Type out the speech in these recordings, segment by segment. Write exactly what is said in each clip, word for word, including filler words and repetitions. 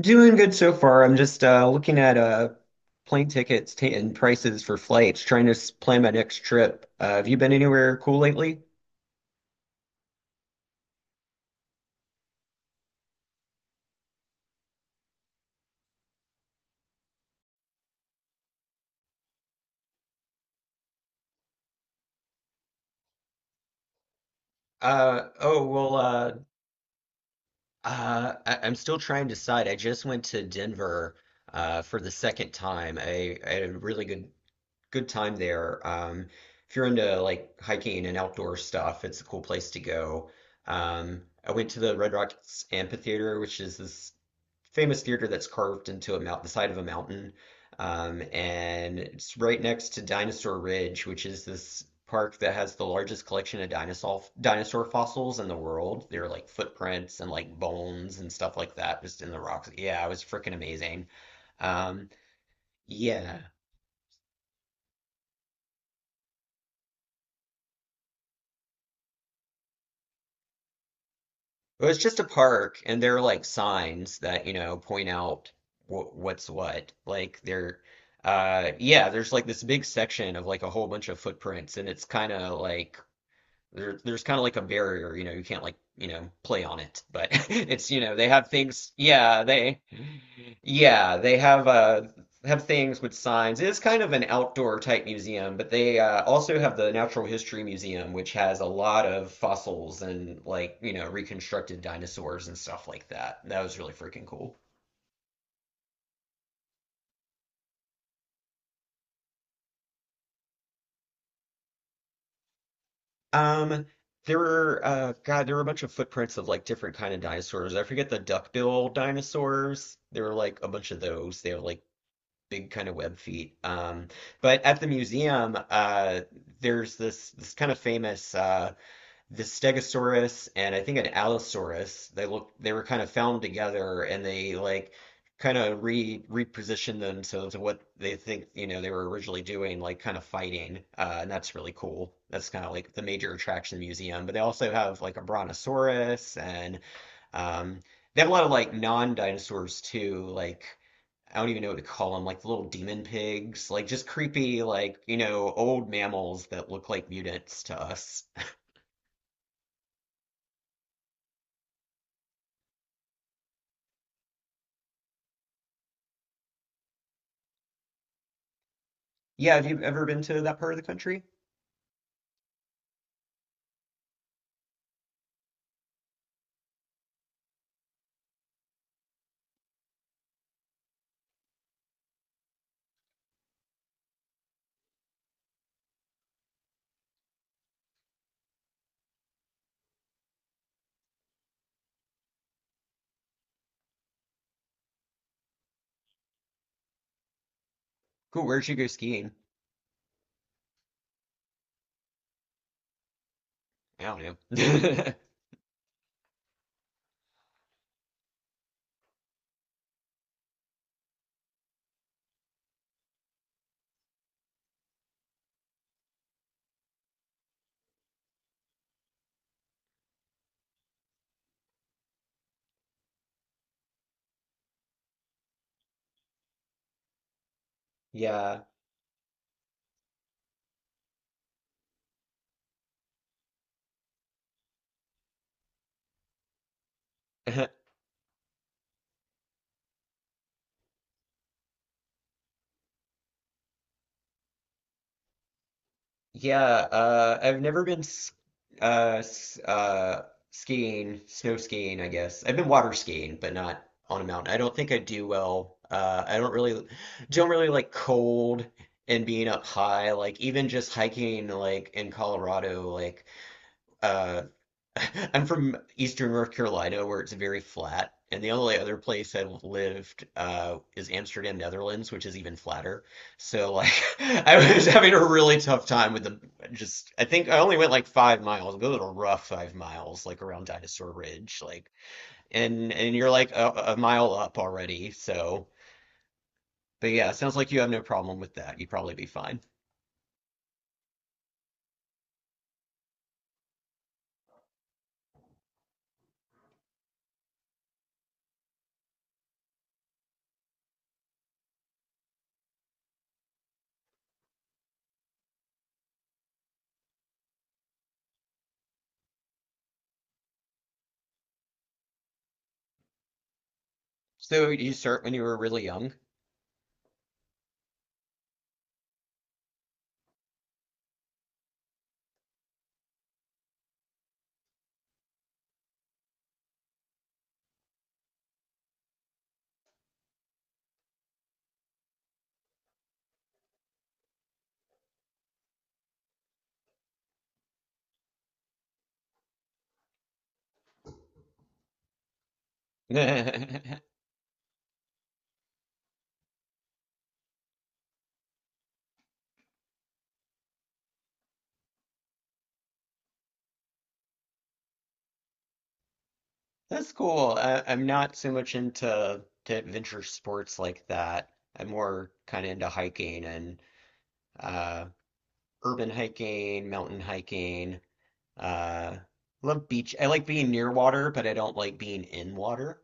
Doing good so far. I'm just uh, looking at uh, plane tickets ta- and prices for flights, trying to s- plan my next trip. Uh, have you been anywhere cool lately? Uh, oh, well, uh, uh, I I'm still trying to decide. I just went to Denver uh, for the second time. I, I had a really good good time there. Um, if you're into like hiking and outdoor stuff, it's a cool place to go. Um, I went to the Red Rocks Amphitheater, which is this famous theater that's carved into a mount, the side of a mountain. Um, and it's right next to Dinosaur Ridge, which is this park that has the largest collection of dinosaur dinosaur fossils in the world. There are like footprints and like bones and stuff like that just in the rocks. Yeah, it was freaking amazing. Um, yeah, it was just a park, and there are like signs that, you know, point out wh what's what. Like there, uh, yeah, there's like this big section of like a whole bunch of footprints, and it's kind of like there, there's kind of like a barrier, you know, you can't like, you know, play on it, but it's, you know, they have things, yeah, they, yeah, they have, uh, have things with signs. It is kind of an outdoor type museum, but they, uh, also have the Natural History Museum, which has a lot of fossils and like, you know, reconstructed dinosaurs and stuff like that. That was really freaking cool. Um, there were, uh, God, there were a bunch of footprints of like different kind of dinosaurs. I forget the duckbill dinosaurs. There were like a bunch of those. They were like big kind of web feet. Um, but at the museum, uh, there's this this kind of famous uh, the Stegosaurus and I think an Allosaurus. They look they were kind of found together and they like kind of re repositioned themselves to what they think you know they were originally doing, like kind of fighting. Uh, and that's really cool. That's kind of like the major attraction of the museum. But they also have like a Brontosaurus and um, they have a lot of like non-dinosaurs too, like I don't even know what to call them, like the little demon pigs, like just creepy, like, you know, old mammals that look like mutants to us. Yeah, have you ever been to that part of the country? Cool, where'd you go skiing? I don't know. Yeah. Yeah, uh, I've never been s- uh, s- uh, skiing, snow skiing, I guess. I've been water skiing, but not on a mountain. I don't think I do well. Uh, I don't really, don't really like cold and being up high. Like even just hiking, like in Colorado, like uh, I'm from Eastern North Carolina, where it's very flat, and the only other place I've lived uh, is Amsterdam, Netherlands, which is even flatter. So like, I was having a really tough time with the just. I think I only went like five miles, a little rough five miles, like around Dinosaur Ridge, like, and and you're like a, a mile up already. So, but yeah, sounds like you have no problem with that. You'd probably be fine. So you start when you were really young. That's cool. I, I'm not so much into to adventure sports like that. I'm more kind of into hiking and uh, urban hiking, mountain hiking. Uh, love beach. I like being near water, but I don't like being in water.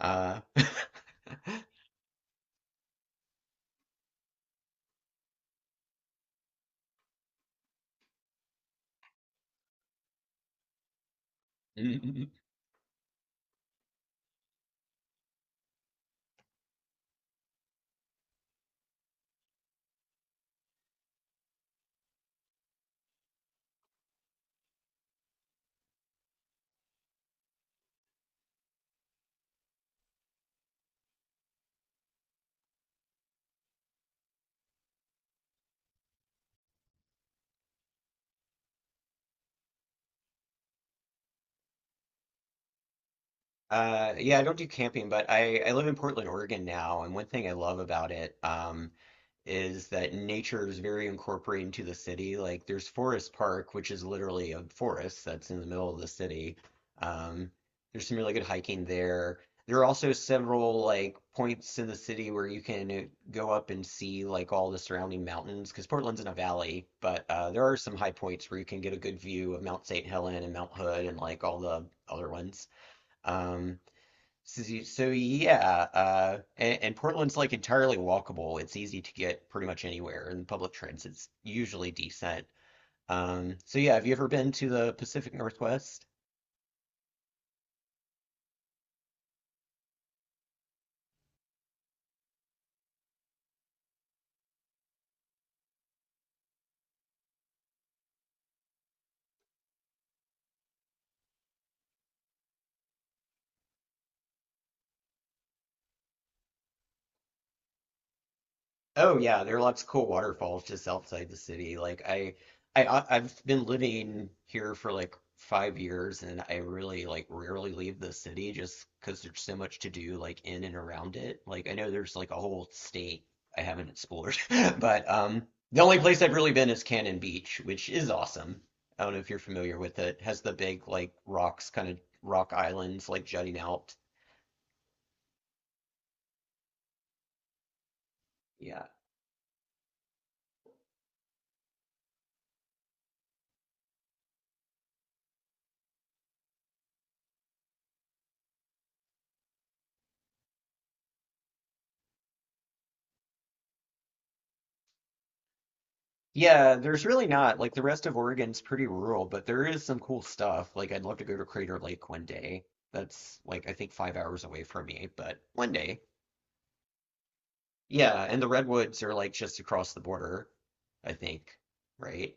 Uh, Uh, yeah, I don't do camping, but I, I live in Portland, Oregon now, and one thing I love about it, um, is that nature is very incorporated into the city. Like there's Forest Park, which is literally a forest that's in the middle of the city. Um, there's some really good hiking there. There are also several like points in the city where you can uh, go up and see like all the surrounding mountains because Portland's in a valley, but uh, there are some high points where you can get a good view of Mount Saint Helens and Mount Hood and like all the other ones. Um, so, so so, yeah, uh, and, and Portland's like entirely walkable. It's easy to get pretty much anywhere, and public transit's usually decent. Um, so yeah, have you ever been to the Pacific Northwest? Oh yeah, there are lots of cool waterfalls just outside the city. Like I, I, I- I've been living here for like five years, and I really like rarely leave the city just because there's so much to do like in and around it. Like I know there's like a whole state I haven't explored, but um, the only place I've really been is Cannon Beach, which is awesome. I don't know if you're familiar with it. Has the big like rocks, kind of rock islands like jutting out. Yeah. Yeah, there's really not. Like the rest of Oregon's pretty rural, but there is some cool stuff. Like I'd love to go to Crater Lake one day. That's like I think five hours away from me, but one day. Yeah, and the Redwoods are like just across the border, I think, right?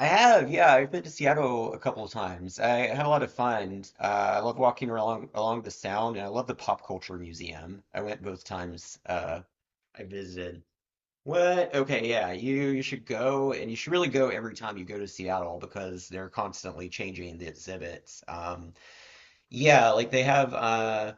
I have, yeah, I've been to Seattle a couple of times. I had a lot of fun. Uh, I love walking along along the Sound, and I love the Pop Culture Museum. I went both times uh, I visited. What? Okay, yeah. You you should go and you should really go every time you go to Seattle because they're constantly changing the exhibits. Um yeah, like they have uh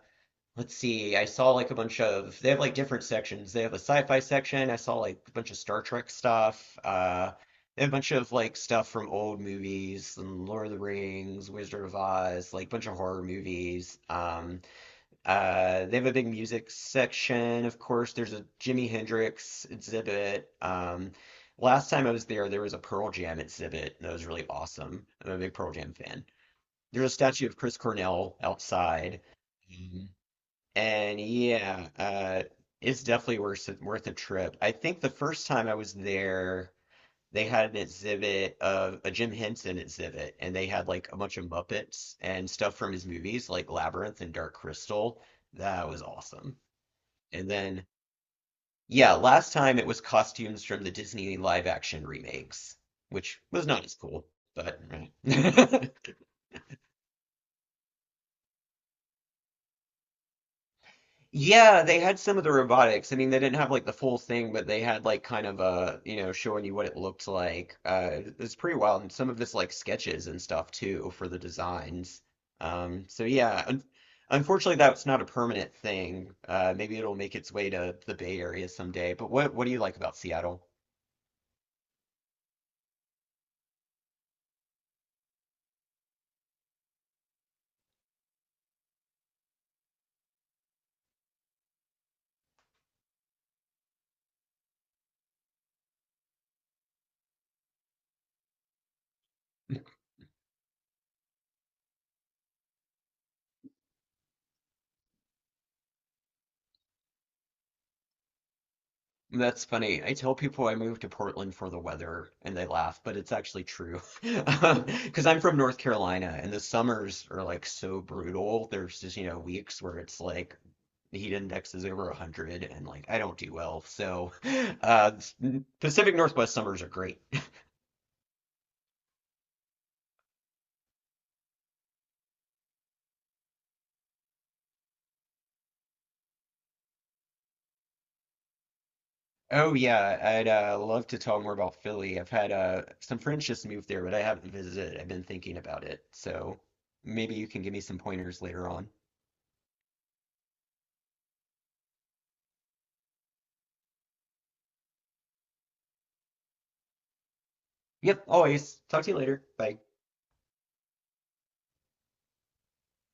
let's see, I saw like a bunch of they have like different sections. They have a sci-fi section. I saw like a bunch of Star Trek stuff. Uh they have a bunch of like stuff from old movies and Lord of the Rings, Wizard of Oz, like a bunch of horror movies. Um uh, they have a big music section, of course. There's a Jimi Hendrix exhibit. Um, last time I was there, there was a Pearl Jam exhibit, and that was really awesome. I'm a big Pearl Jam fan. There's a statue of Chris Cornell outside. Mhm. And yeah, uh, it's definitely worth it, worth a trip. I think the first time I was there, they had an exhibit of a Jim Henson exhibit, and they had like a bunch of Muppets and stuff from his movies, like Labyrinth and Dark Crystal. That was awesome. And then, yeah, last time it was costumes from the Disney live action remakes, which was not as cool, but eh. Yeah, they had some of the robotics. I mean, they didn't have like the full thing, but they had like kind of a, you know, showing you what it looked like. Uh, it's pretty wild, and some of this like sketches and stuff too for the designs. Um, so yeah, un Unfortunately, that's not a permanent thing. Uh, maybe it'll make its way to the Bay Area someday. But what what do you like about Seattle? That's funny. I tell people I moved to Portland for the weather and they laugh, but it's actually true. Because I'm from North Carolina and the summers are like so brutal. There's just, you know, weeks where it's like the heat index is over one hundred and like I don't do well. So uh, Pacific Northwest summers are great. Oh, yeah. I'd uh, love to talk more about Philly. I've had uh, some friends just move there, but I haven't visited. I've been thinking about it. So maybe you can give me some pointers later on. Yep, always. Talk to you later. Bye.